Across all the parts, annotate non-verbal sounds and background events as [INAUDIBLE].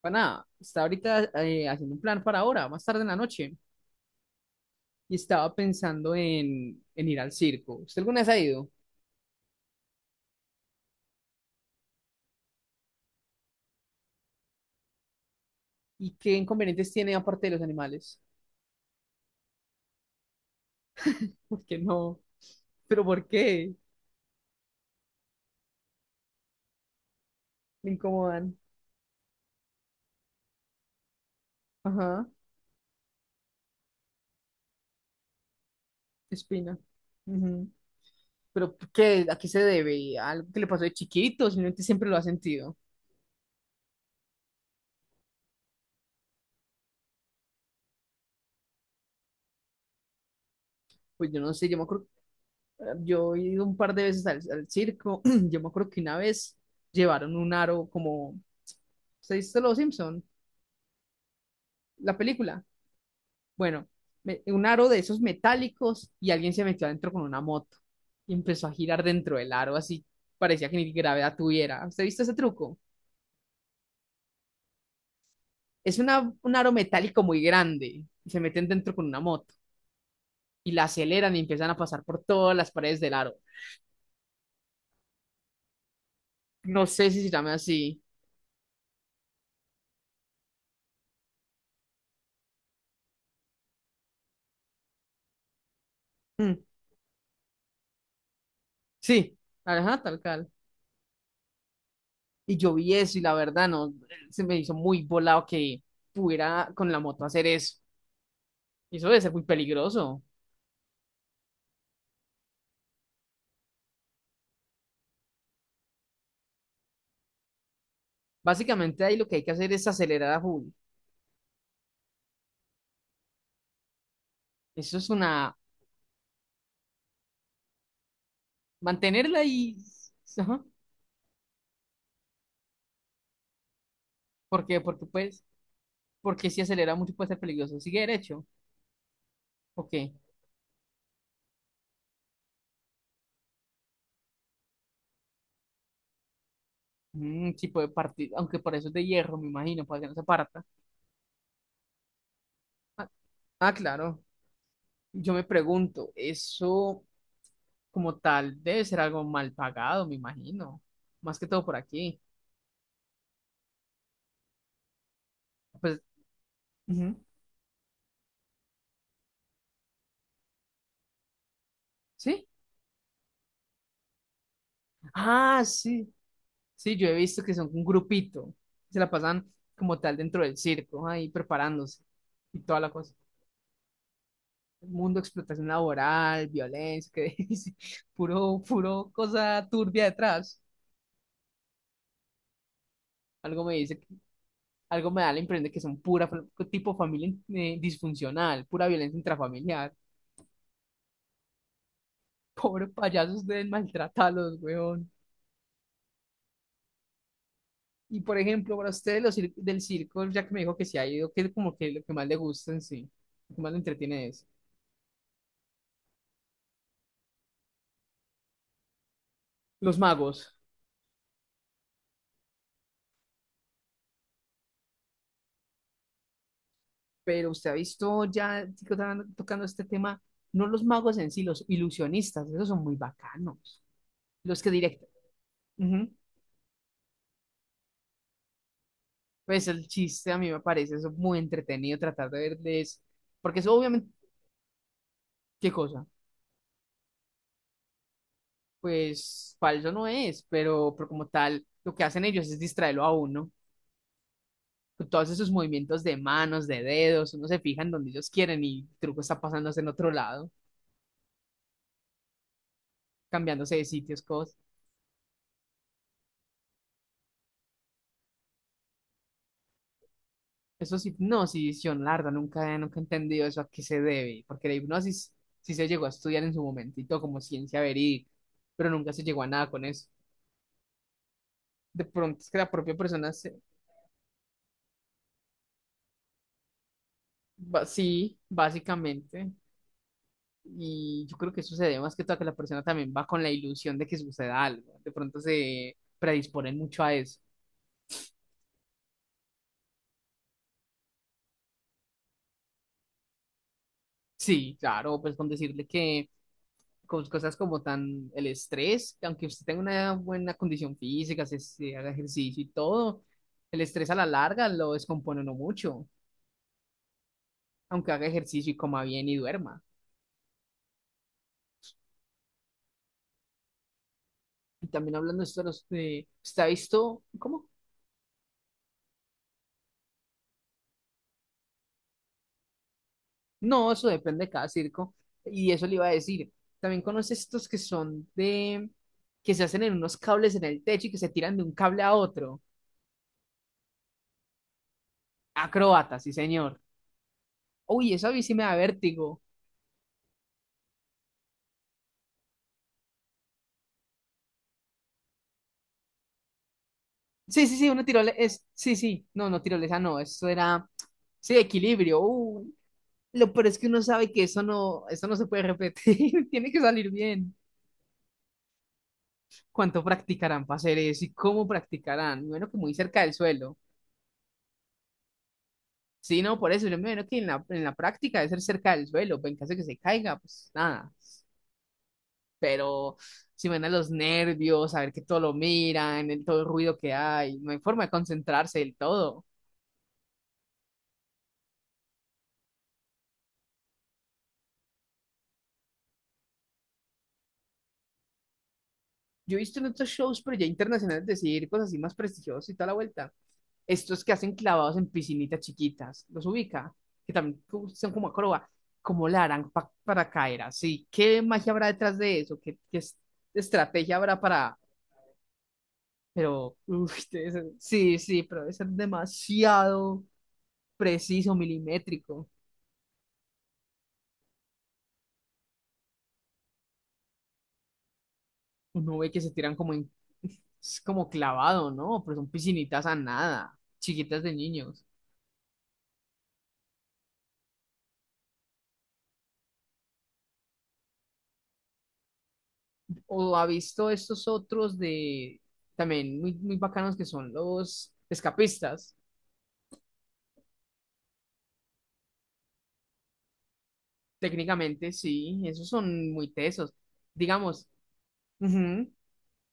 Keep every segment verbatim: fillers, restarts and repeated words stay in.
Para nada, está ahorita eh, haciendo un plan para ahora, más tarde en la noche, y estaba pensando en, en ir al circo. ¿Usted alguna vez ha ido? ¿Y qué inconvenientes tiene aparte de los animales? [LAUGHS] ¿Por qué no? ¿Pero por qué? Me incomodan. Ajá, espina. Ujú. ¿Pero por qué? ¿A qué se debe? ¿A ¿Algo que le pasó de chiquito? Simplemente siempre lo ha sentido. Pues yo no sé, yo me acuerdo, yo he ido un par de veces al, al circo. [CLEARS THROAT] Yo me acuerdo que una vez llevaron un aro como, ¿se dice Los Simpson? La película. Bueno, me- un aro de esos metálicos y alguien se metió adentro con una moto y empezó a girar dentro del aro, así parecía que ni gravedad tuviera. ¿Usted ha visto ese truco? Es una, un aro metálico muy grande y se meten dentro con una moto y la aceleran y empiezan a pasar por todas las paredes del aro. No sé si se llama así. Mm, sí, ajá, tal cual. Y yo vi eso y la verdad no, se me hizo muy volado que pudiera con la moto hacer eso. Y eso debe ser muy peligroso. Básicamente ahí lo que hay que hacer es acelerar a full. Eso es una... Mantenerla y... [LAUGHS] Ajá. ¿Por qué? Porque pues... Porque si acelera mucho puede ser peligroso. Sigue derecho. Ok. Mm, sí puede partir. Aunque por eso es de hierro, me imagino, para que no se parta. Ah, ah, claro. Yo me pregunto, eso como tal debe ser algo mal pagado, me imagino. Más que todo por aquí. Pues... ujú. ¿Sí? Ah, sí. Sí, yo he visto que son un grupito. Se la pasan como tal dentro del circo, ahí preparándose y toda la cosa. El mundo, explotación laboral, violencia, que [LAUGHS] dice, puro, puro cosa turbia detrás. Algo me dice, que- Algo me da la impresión de que son pura fa- tipo familia eh, disfuncional, pura violencia intrafamiliar. [LAUGHS] Pobre payasos deben maltratarlos, weón. Y por ejemplo, para ustedes los cir- del circo, ya que me dijo que se ha ido, que es como que lo que más le gusta en sí, lo que más le entretiene es los magos. Pero usted ha visto ya tocando tocando este tema, no los magos en sí, los ilusionistas, esos son muy bacanos. Los que directo. Ujú. Pues el chiste a mí me parece eso muy entretenido tratar de verles, porque eso obviamente, ¿qué cosa? Pues falso no es, pero, pero como tal, lo que hacen ellos es distraerlo a uno, con todos esos movimientos de manos, de dedos, uno se fija en donde ellos quieren y el truco está pasándose en otro lado, cambiándose de sitios, cosas. Eso sí, no, sí, yo nunca, nunca he entendido eso a qué se debe, porque la hipnosis sí sí se llegó a estudiar en su momentito como ciencia verídica, pero nunca se llegó a nada con eso. De pronto es que la propia persona se, va- sí, básicamente, y yo creo que eso se debe más que todo a que la persona también va con la ilusión de que suceda algo, de pronto se predisponen mucho a eso. Sí, claro, pues con decirle que con cosas como tan el estrés, que aunque usted tenga una buena condición física, se, se haga ejercicio y todo, el estrés a la larga lo descompone no mucho, aunque haga ejercicio y coma bien y duerma. Y también hablando de esto, de los, de- ¿usted ha visto, cómo? No, eso depende de cada circo. Y eso le iba a decir. También conoces estos que son de, que se hacen en unos cables en el techo y que se tiran de un cable a otro. Acrobatas, sí, señor. Uy, eso a mí sí me da vértigo. Sí, sí, sí, una tirole es, sí, sí, no, no, tirolesa, no, eso era, sí, equilibrio. Uh, lo peor es que uno sabe que eso no, eso no se puede repetir, [LAUGHS] tiene que salir bien. ¿Cuánto practicarán para hacer eso y cómo practicarán? Bueno, que muy cerca del suelo. Sí, no, por eso yo me imagino que en la, en la práctica debe ser cerca del suelo, pues en caso de que se caiga, pues nada. Pero si van a los nervios, a ver que todo lo miran, el, todo el ruido que hay, no hay forma de concentrarse del todo. Yo he visto en otros shows, pero ya internacionales, decir cosas así más prestigiosas y toda la vuelta. Estos que hacen clavados en piscinitas chiquitas, los ubica, que también cu- son como acroba, como la harán pa- para caer así. ¿Qué magia habrá detrás de eso? ¿Qué, qué es- ¿estrategia habrá? Pero, [LAUGHS] uff, sí, sí, pero debe ser demasiado preciso, milimétrico. Uno ve que se tiran como en, es como clavado, ¿no? Pero son piscinitas a nada, chiquitas de niños. O ha visto estos otros de, también muy, muy bacanos que son los escapistas. Técnicamente, sí, esos son muy tesos. Digamos, ujú,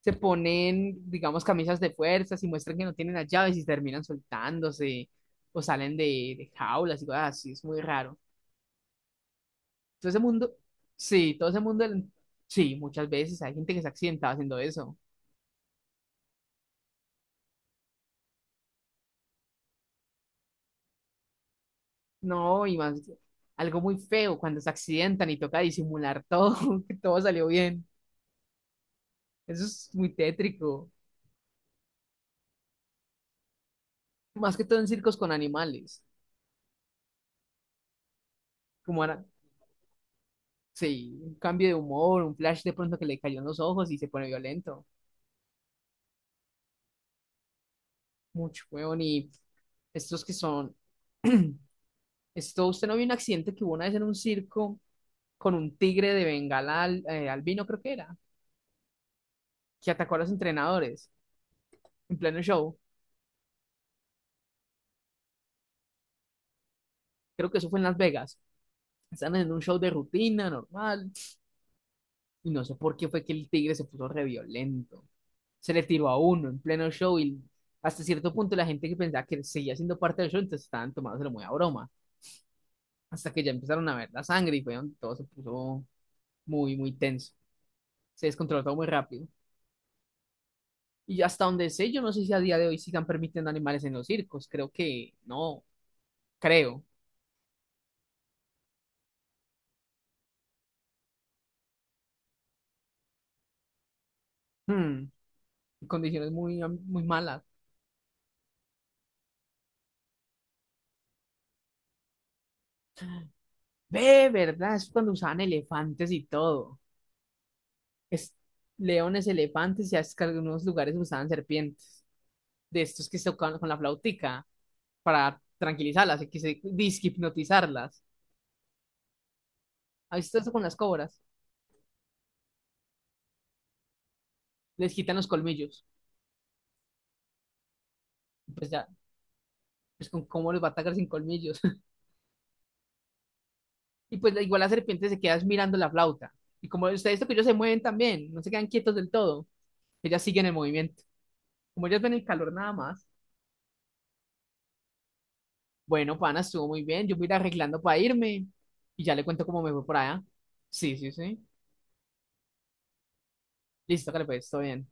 se ponen, digamos, camisas de fuerzas y muestran que no tienen las llaves y terminan soltándose o salen de, de jaulas y cosas así, es muy raro. Todo ese mundo, sí, todo ese mundo, del- sí, muchas veces hay gente que se accidenta haciendo eso. No, y más, algo muy feo cuando se accidentan y toca disimular todo, [LAUGHS] que todo salió bien. Eso es muy tétrico. Más que todo en circos con animales, como ahora, sí, un cambio de humor, un flash de pronto que le cayó en los ojos y se pone violento. Mucho, weón, y Estos que son, [CLEARS THROAT] esto, usted no vio un accidente que hubo una vez en un circo con un tigre de Bengala al- eh, albino, creo que era, que atacó a los entrenadores en pleno show. Creo que eso fue en Las Vegas. Estaban en un show de rutina normal y no sé por qué fue que el tigre se puso re violento. Se le tiró a uno en pleno show y hasta cierto punto la gente que pensaba que seguía siendo parte del show, entonces estaban tomándoselo muy a broma. Hasta que ya empezaron a ver la sangre y fue donde todo se puso muy, muy tenso. Se descontroló todo muy rápido. Y hasta donde sé, yo no sé si a día de hoy sigan permitiendo animales en los circos. Creo que no, creo. Hmm, condiciones muy, muy malas. Ve, ¿verdad? Es cuando usaban elefantes y todo. Es, leones, elefantes, ya es que algunos lugares usaban serpientes. De estos que se tocaban con la flautica para tranquilizarlas y que se disque hipnotizarlas. ¿Has visto eso con las cobras? Les quitan los colmillos. Pues ya, pues con cómo los va a atacar sin colmillos. Y pues igual la serpiente se queda mirando la flauta. Y como ustedes ellos se mueven también, no se quedan quietos del todo, ellas siguen el movimiento. Como ellas ven el calor nada más, bueno, pana, estuvo muy bien, yo voy a ir arreglando para irme y ya le cuento cómo me fue por allá. Sí, sí, sí. Listo, que le pues, todo bien.